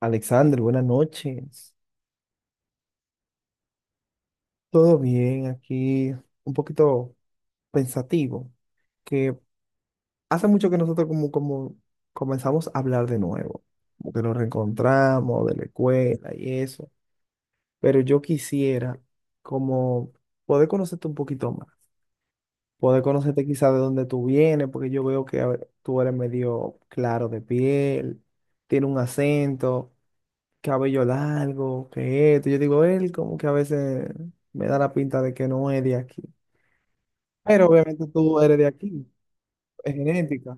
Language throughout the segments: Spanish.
Alexander, buenas noches. Todo bien aquí, un poquito pensativo, que hace mucho que nosotros como comenzamos a hablar de nuevo, como que nos reencontramos de la escuela y eso, pero yo quisiera como poder conocerte un poquito más, poder conocerte quizá de dónde tú vienes, porque yo veo que, a ver, tú eres medio claro de piel, tiene un acento, cabello largo, que esto. Yo digo, él como que a veces me da la pinta de que no es de aquí. Pero obviamente tú eres de aquí, es genética.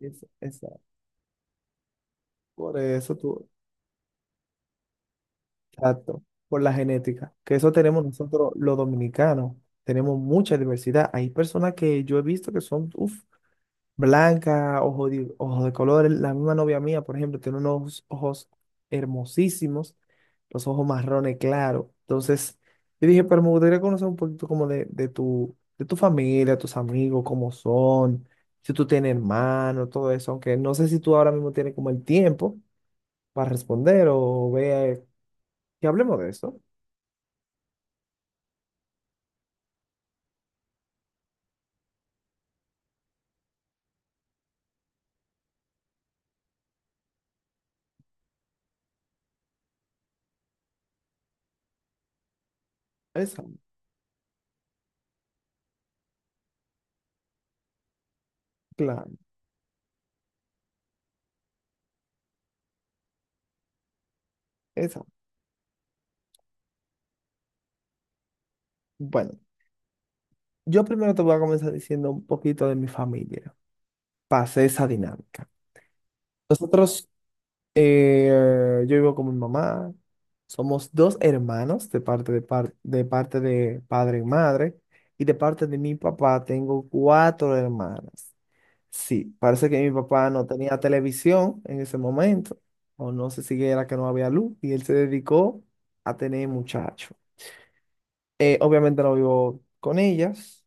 Es, esa- por eso tú, exacto, por la genética. Que eso tenemos nosotros los dominicanos. Tenemos mucha diversidad. Hay personas que yo he visto que son, uff, blanca, ojos de colores. La misma novia mía, por ejemplo, tiene unos ojos hermosísimos, los ojos marrones claros. Entonces, yo dije, pero me gustaría conocer un poquito como de tu familia, tus amigos, cómo son, si tú tienes hermanos, todo eso, aunque no sé si tú ahora mismo tienes como el tiempo para responder o vea que hablemos de eso. Esa, claro, esa. Bueno, yo primero te voy a comenzar diciendo un poquito de mi familia. Pasé esa dinámica. Nosotros Eh, yo vivo con mi mamá. Somos dos hermanos de de parte de padre y madre. Y de parte de mi papá tengo cuatro hermanas. Sí, parece que mi papá no tenía televisión en ese momento. O no sé si era que no había luz. Y él se dedicó a tener muchachos. Obviamente no vivo con ellas.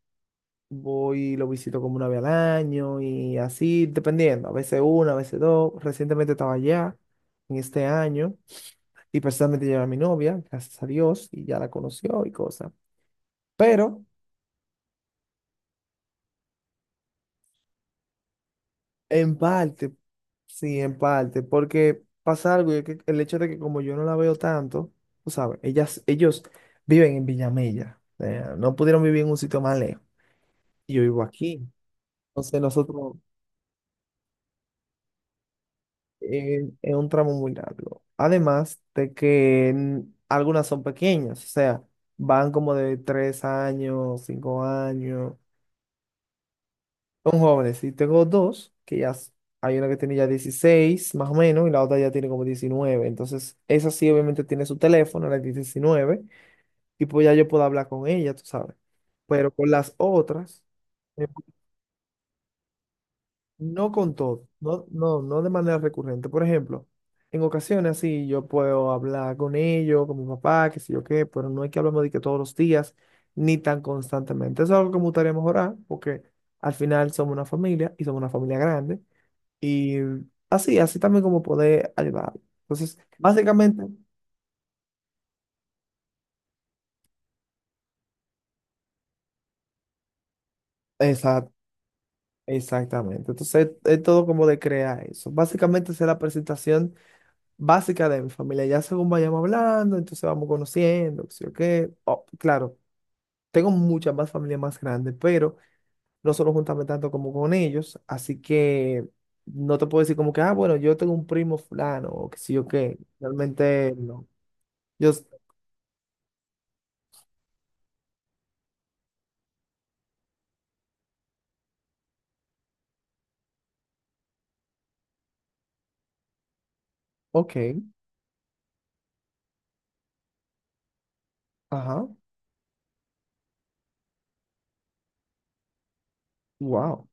Voy y lo visito como una vez al año y así, dependiendo. A veces una, a veces dos. Recientemente estaba allá en este año. Y personalmente llevé a mi novia, gracias a Dios, y ya la conoció y cosas. Pero en parte, sí, en parte, porque pasa algo, y es que el hecho de que como yo no la veo tanto, tú sabes, ellos viven en Villamella, o sea, no pudieron vivir en un sitio más lejos. Y yo vivo aquí, entonces nosotros, es un tramo muy largo. Además de que algunas son pequeñas, o sea, van como de 3 años, 5 años. Son jóvenes. Y tengo dos, hay una que tiene ya 16 más o menos, y la otra ya tiene como 19. Entonces, esa sí obviamente tiene su teléfono, la 19, y pues ya yo puedo hablar con ella, tú sabes. Pero con las otras, eh, no con todo, no, no de manera recurrente. Por ejemplo, en ocasiones así yo puedo hablar con ellos, con mi papá, qué sé yo qué, pero no hay que hablemos de que todos los días, ni tan constantemente. Eso es algo que me gustaría mejorar, porque al final somos una familia y somos una familia grande. Y así, así también como poder ayudar. Entonces, básicamente, exact, exactamente. Entonces, es todo como de crear eso. Básicamente, esa es la presentación básica de mi familia. Ya según vayamos hablando, entonces vamos conociendo, sí o qué. Oh, claro, tengo muchas más familias más grandes, pero no solo juntarme tanto como con ellos. Así que no te puedo decir como que, ah, bueno, yo tengo un primo fulano o que sí o qué. Realmente no. Yo, ok, ajá, wow.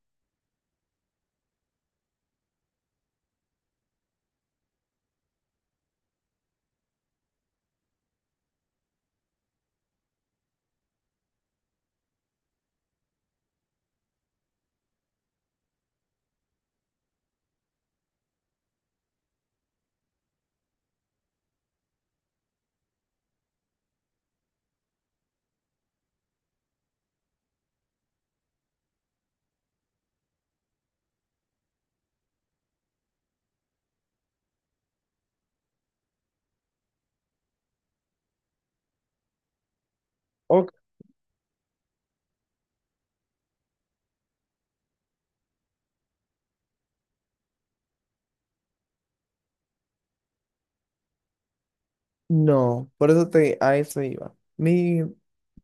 No, por eso te, a eso iba. Mi,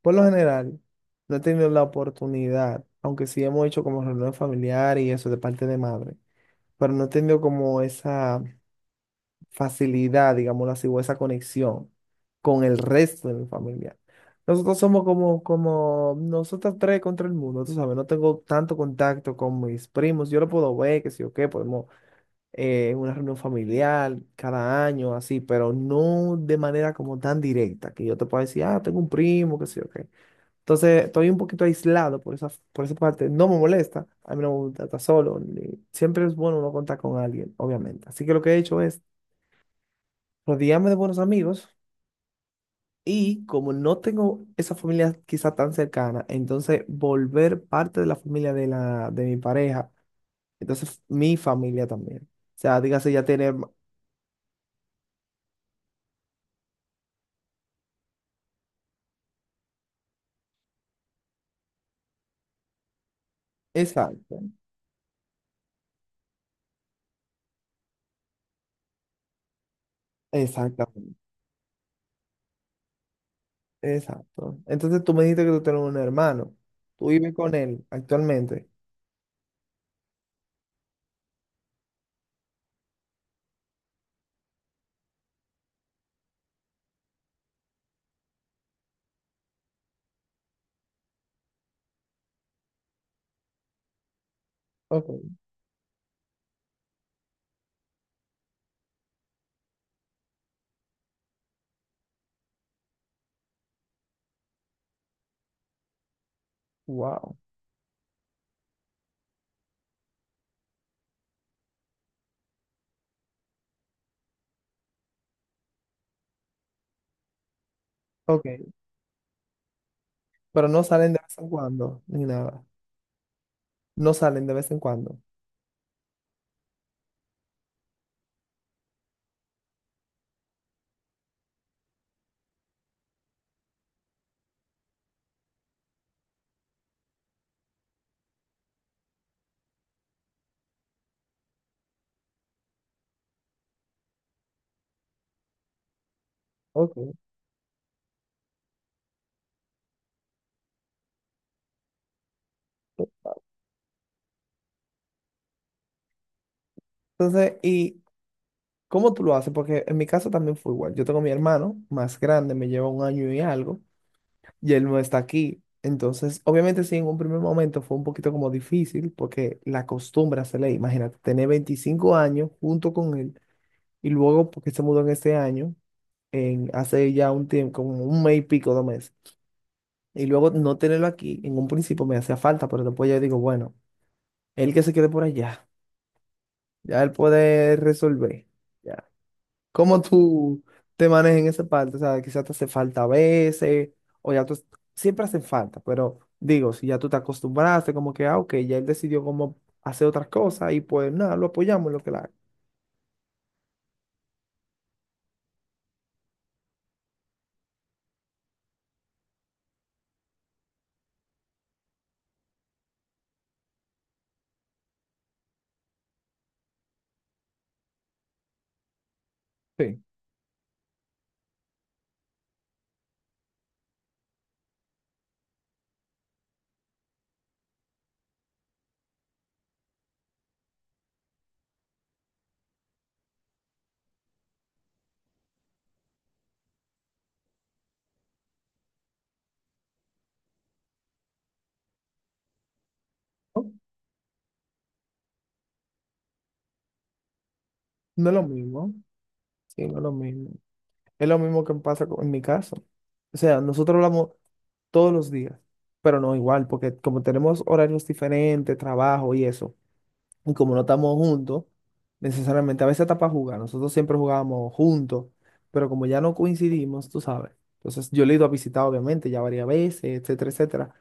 por lo general, no he tenido la oportunidad, aunque sí hemos hecho como reunión familiar y eso de parte de madre, pero no he tenido como esa facilidad, digámoslo así, o esa conexión con el resto de mi familia. Nosotros somos como nosotros tres contra el mundo, tú sabes, no tengo tanto contacto con mis primos, yo lo puedo ver, que si o qué, podemos, una reunión familiar cada año, así, pero no de manera como tan directa, que yo te pueda decir, ah, tengo un primo, qué sé yo, qué. Entonces, estoy un poquito aislado por esa parte. No me molesta, a mí no me gusta estar solo. Siempre es bueno uno contar con alguien, obviamente. Así que lo que he hecho es rodearme de buenos amigos y como no tengo esa familia quizá tan cercana, entonces volver parte de la familia de mi pareja, entonces mi familia también. O sea, dígase ya tener... Exacto. Exactamente, exacto. Entonces tú me dijiste que tú tienes un hermano. Tú vives con él actualmente. Ok, wow. Ok, pero no salen de vez en cuando, ni nada. No salen de vez en cuando. Ok. Entonces, ¿y cómo tú lo haces? Porque en mi caso también fue igual. Yo tengo a mi hermano más grande, me lleva un año y algo, y él no está aquí. Entonces, obviamente sí, en un primer momento fue un poquito como difícil porque la costumbre se le, imagínate, tener 25 años junto con él y luego porque se mudó en este año, en hace ya un tiempo, como un mes y pico, 2 meses. Y luego no tenerlo aquí, en un principio me hacía falta, pero después ya digo, bueno, él que se quede por allá, ya él puede resolver. Ya. ¿Cómo tú te manejas en esa parte? O sea, quizás te hace falta a veces, o ya tú, siempre hacen falta, pero digo, si ya tú te acostumbraste, como que, ah, ok, ya él decidió cómo hacer otras cosas y pues nada, lo apoyamos en lo que la haga. Sí. No, no es lo mismo, sí, no es lo mismo. Es lo mismo que pasa en mi caso. O sea, nosotros hablamos todos los días, pero no igual, porque como tenemos horarios diferentes, trabajo y eso, y como no estamos juntos, necesariamente a veces está para jugar, nosotros siempre jugábamos juntos, pero como ya no coincidimos, tú sabes, entonces yo le he ido a visitar obviamente ya varias veces, etcétera, etcétera,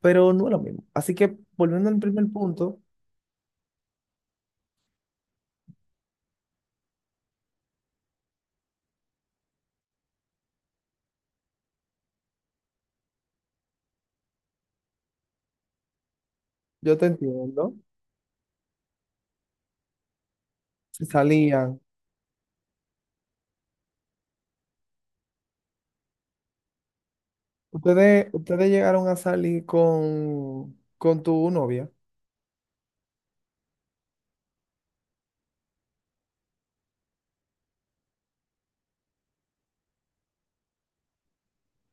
pero no es lo mismo. Así que volviendo al primer punto, yo te entiendo, si salían, ustedes llegaron a salir con tu novia.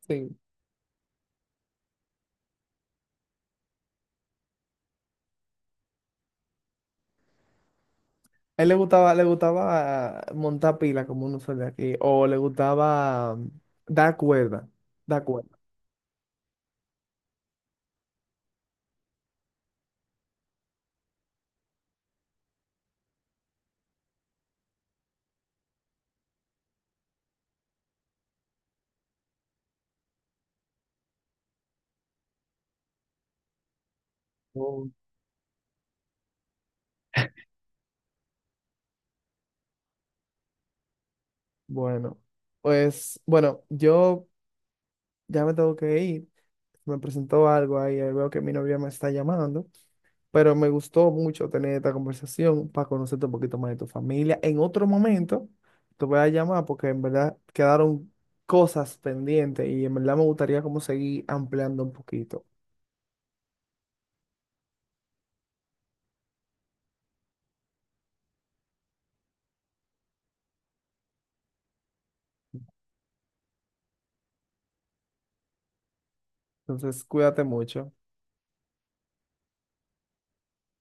Sí. A él le gustaba montar pila, como uno suele aquí, o le gustaba dar cuerda, dar cuerda. Oh, bueno, pues, bueno, yo ya me tengo que ir. Me presentó algo ahí, ahí veo que mi novia me está llamando, pero me gustó mucho tener esta conversación para conocerte un poquito más de tu familia. En otro momento te voy a llamar porque en verdad quedaron cosas pendientes y en verdad me gustaría como seguir ampliando un poquito. Entonces, cuídate mucho.